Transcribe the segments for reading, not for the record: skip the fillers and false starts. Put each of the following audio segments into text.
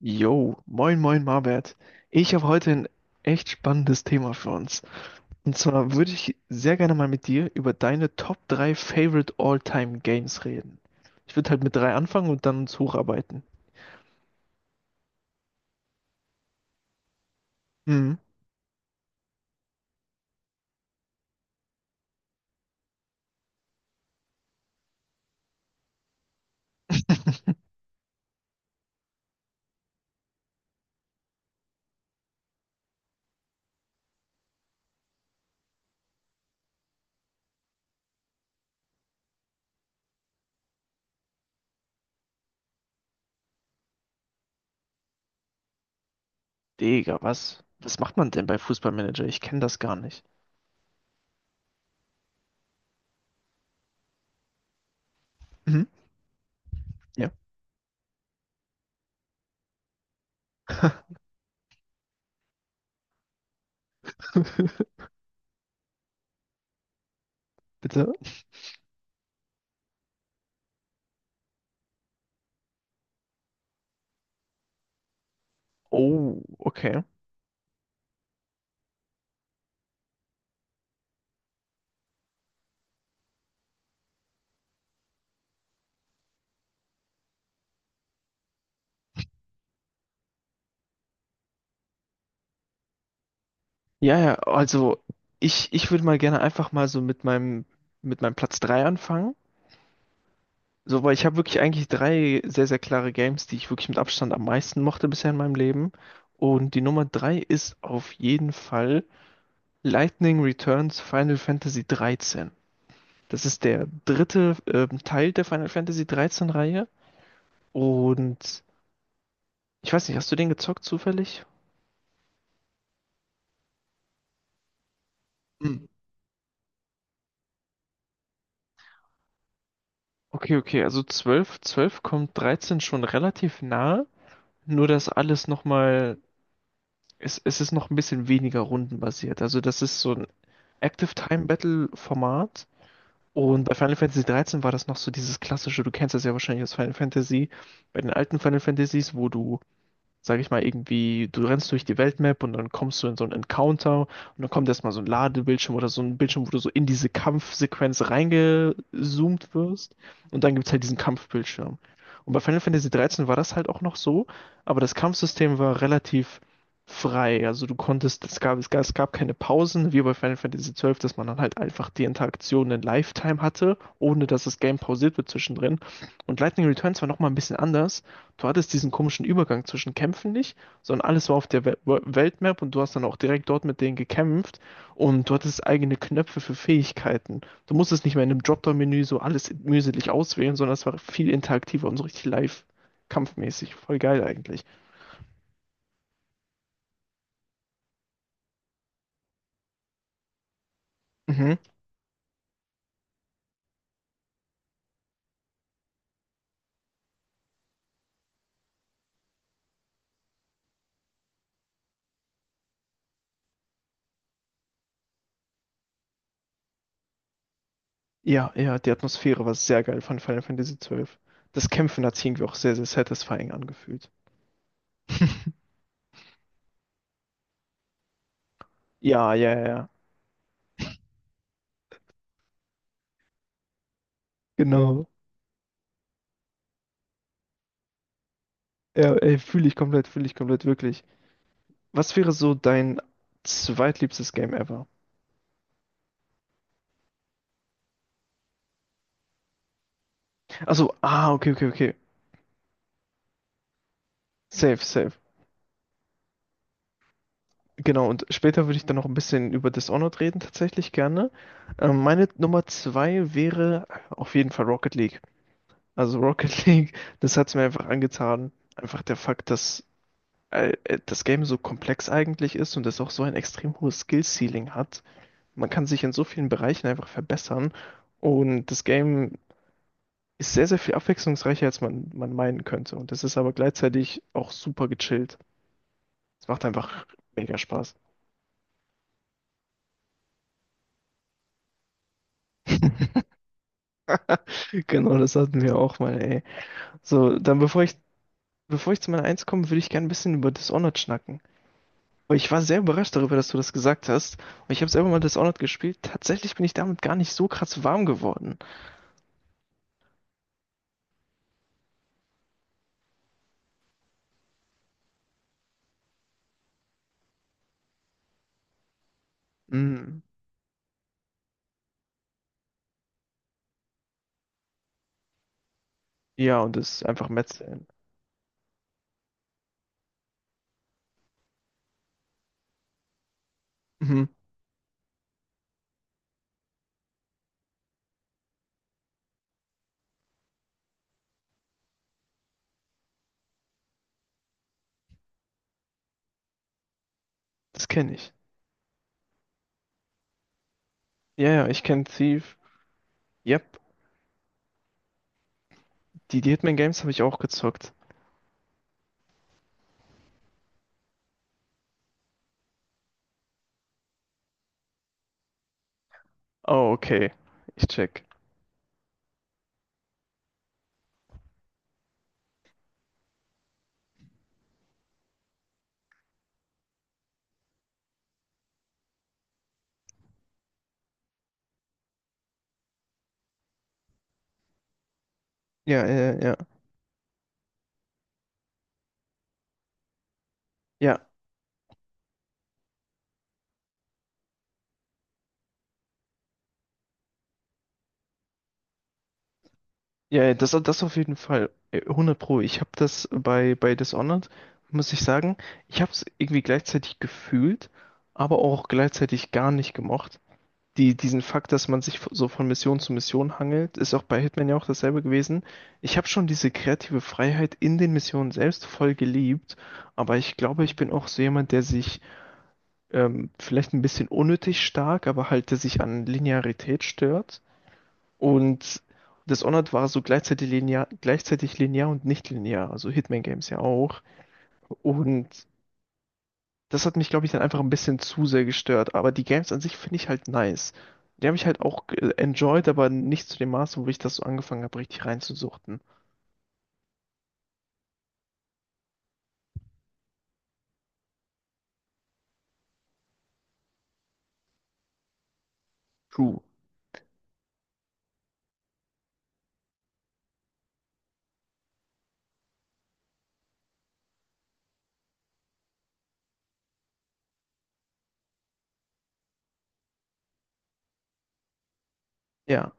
Yo, moin moin Marbert. Ich habe heute ein echt spannendes Thema für uns. Und zwar würde ich sehr gerne mal mit dir über deine Top 3 Favorite All-Time Games reden. Ich würde halt mit drei anfangen und dann uns hocharbeiten. Mhm. Digga, was? Was macht man denn bei Fußballmanager? Ich kenne das gar nicht. Mhm. Ja. Bitte? Oh, okay. Ja, ja, also ich würde mal gerne einfach mal so mit meinem Platz 3 anfangen. So, weil ich habe wirklich eigentlich drei sehr, sehr klare Games, die ich wirklich mit Abstand am meisten mochte bisher in meinem Leben. Und die Nummer drei ist auf jeden Fall Lightning Returns Final Fantasy 13. Das ist der dritte Teil der Final Fantasy 13 Reihe. Und ich weiß nicht, hast du den gezockt zufällig? Hm. Okay, okay, also 12, 12 kommt 13 schon relativ nahe, nur dass alles nochmal, es ist noch ein bisschen weniger rundenbasiert. Also das ist so ein Active Time Battle Format. Und bei Final Fantasy 13 war das noch so dieses klassische, du kennst das ja wahrscheinlich aus Final Fantasy, bei den alten Final Fantasies, wo du, sag ich mal, irgendwie, du rennst durch die Weltmap und dann kommst du in so einen Encounter und dann kommt erstmal so ein Ladebildschirm oder so ein Bildschirm, wo du so in diese Kampfsequenz reingezoomt wirst und dann gibt's halt diesen Kampfbildschirm. Und bei Final Fantasy 13 war das halt auch noch so, aber das Kampfsystem war relativ frei. Also du konntest, es gab, es gab keine Pausen, wie bei Final Fantasy 12, dass man dann halt einfach die Interaktion in Lifetime hatte, ohne dass das Game pausiert wird zwischendrin. Und Lightning Returns war nochmal ein bisschen anders. Du hattest diesen komischen Übergang zwischen Kämpfen nicht, sondern alles war auf der Weltmap und du hast dann auch direkt dort mit denen gekämpft und du hattest eigene Knöpfe für Fähigkeiten. Du musstest nicht mehr in einem Dropdown-Menü so alles mühselig auswählen, sondern es war viel interaktiver und so richtig live kampfmäßig. Voll geil eigentlich. Mhm. Ja, ja, die Atmosphäre war sehr geil von Final Fantasy 12. Das Kämpfen hat sich irgendwie auch sehr, sehr satisfying angefühlt. Ja, ja, ja, ja, genau. Ja, ey, fühle ich komplett, wirklich. Was wäre so dein zweitliebstes Game ever? Also, ah, okay, okay, okay. Safe, safe. Genau, und später würde ich dann noch ein bisschen über Dishonored reden, tatsächlich gerne. Meine Nummer zwei wäre auf jeden Fall Rocket League. Also Rocket League, das hat es mir einfach angetan. Einfach der Fakt, dass das Game so komplex eigentlich ist und es auch so ein extrem hohes Skill-Ceiling hat. Man kann sich in so vielen Bereichen einfach verbessern. Und das Game ist sehr, sehr viel abwechslungsreicher, als man meinen könnte. Und das ist aber gleichzeitig auch super gechillt. Es macht einfach mega Spaß. Genau, das hatten wir auch mal, ey. So, dann bevor ich zu meiner Eins komme, würde ich gerne ein bisschen über Dishonored schnacken. Weil ich war sehr überrascht darüber, dass du das gesagt hast. Und ich habe selber mal Dishonored gespielt. Tatsächlich bin ich damit gar nicht so krass warm geworden. Mm. Ja, und das ist einfach Metzeln. Mhm. Das kenne ich. Ja, ja, ich kenne Thief. Yep. Die, die Hitman Games habe ich auch gezockt. Oh, okay. Ich check. Ja, ja, ja, ja, ja, ja, ja, das, das auf jeden Fall. 100 Pro. Ich habe das bei, bei Dishonored, muss ich sagen, ich habe es irgendwie gleichzeitig gefühlt, aber auch gleichzeitig gar nicht gemocht. Die, diesen Fakt, dass man sich so von Mission zu Mission hangelt, ist auch bei Hitman ja auch dasselbe gewesen. Ich habe schon diese kreative Freiheit in den Missionen selbst voll geliebt, aber ich glaube, ich bin auch so jemand, der sich vielleicht ein bisschen unnötig stark, aber halt, der sich an Linearität stört. Und Dishonored war so gleichzeitig linear und nicht linear, also Hitman Games ja auch. Und das hat mich, glaube ich, dann einfach ein bisschen zu sehr gestört. Aber die Games an sich finde ich halt nice. Die habe ich halt auch enjoyed, aber nicht zu dem Maße, wo ich das so angefangen habe, richtig reinzusuchten. True. Ja,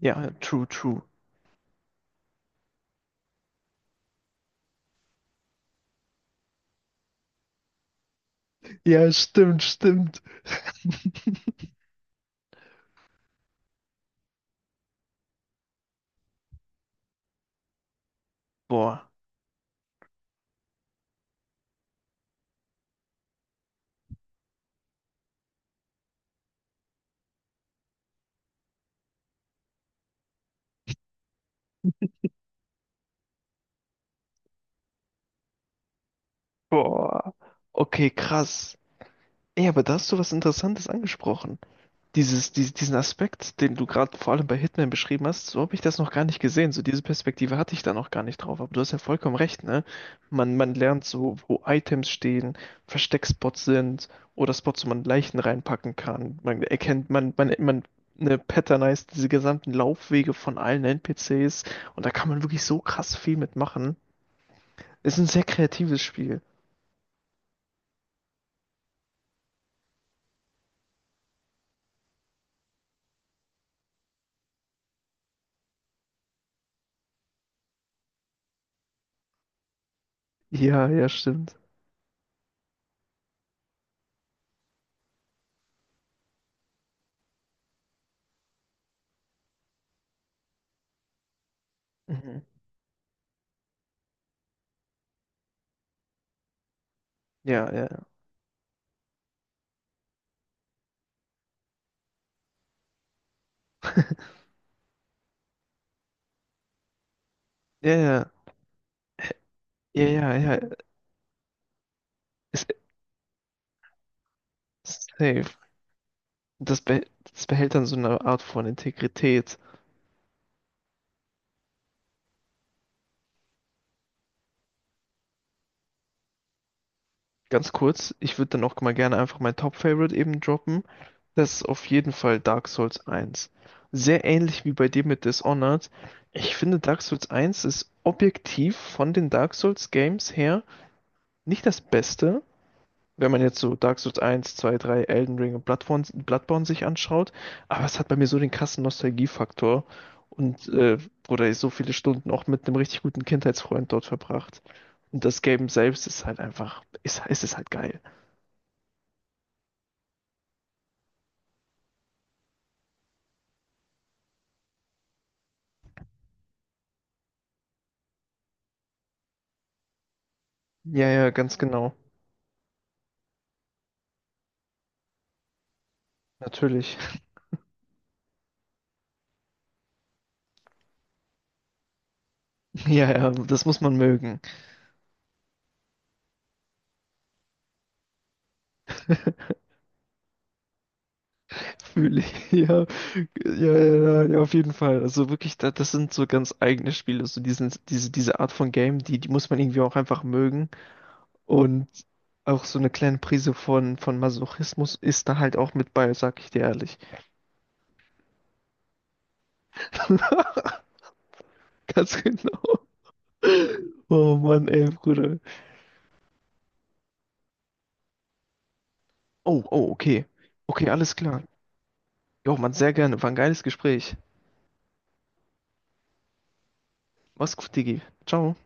ja, true, true. Ja, stimmt, stimmt. Boah, boah. Okay, krass. Ey, aber da hast du was Interessantes angesprochen. Diesen Aspekt, den du gerade vor allem bei Hitman beschrieben hast, so habe ich das noch gar nicht gesehen. So diese Perspektive hatte ich da noch gar nicht drauf. Aber du hast ja vollkommen recht, ne? Man lernt so, wo Items stehen, Versteckspots sind oder Spots, wo man Leichen reinpacken kann. Man erkennt, man, ne, patternized diese gesamten Laufwege von allen NPCs und da kann man wirklich so krass viel mitmachen. Ist ein sehr kreatives Spiel. Ja, ja, stimmt. Mhm. Ja, ja, ja, ja, ja, ja, ja. Ist, safe. Das, beh- das behält dann so eine Art von Integrität. Ganz kurz, ich würde dann auch mal gerne einfach mein Top-Favorite eben droppen. Das ist auf jeden Fall Dark Souls 1. Sehr ähnlich wie bei dir mit Dishonored. Ich finde, Dark Souls 1 ist objektiv von den Dark Souls Games her nicht das Beste, wenn man jetzt so Dark Souls 1, 2, 3, Elden Ring und Bloodborne sich anschaut. Aber es hat bei mir so den krassen Nostalgiefaktor und wurde so viele Stunden auch mit einem richtig guten Kindheitsfreund dort verbracht. Und das Game selbst ist halt einfach, ist es halt geil. Ja, ja, ganz genau. Natürlich. Ja, ja, das muss man mögen. Fühle ich. Ja, ja, ja, ja, auf jeden Fall. Also wirklich, da, das sind so ganz eigene Spiele. So diesen, diese, diese Art von Game, die, die muss man irgendwie auch einfach mögen. Und auch so eine kleine Prise von Masochismus ist da halt auch mit bei, sag ich dir ehrlich. Ganz genau. Oh Mann, ey, Bruder. Oh, oh, okay. Okay, alles klar. Jo, Mann, sehr gerne. War ein geiles Gespräch. Mach's gut, Digi. Ciao.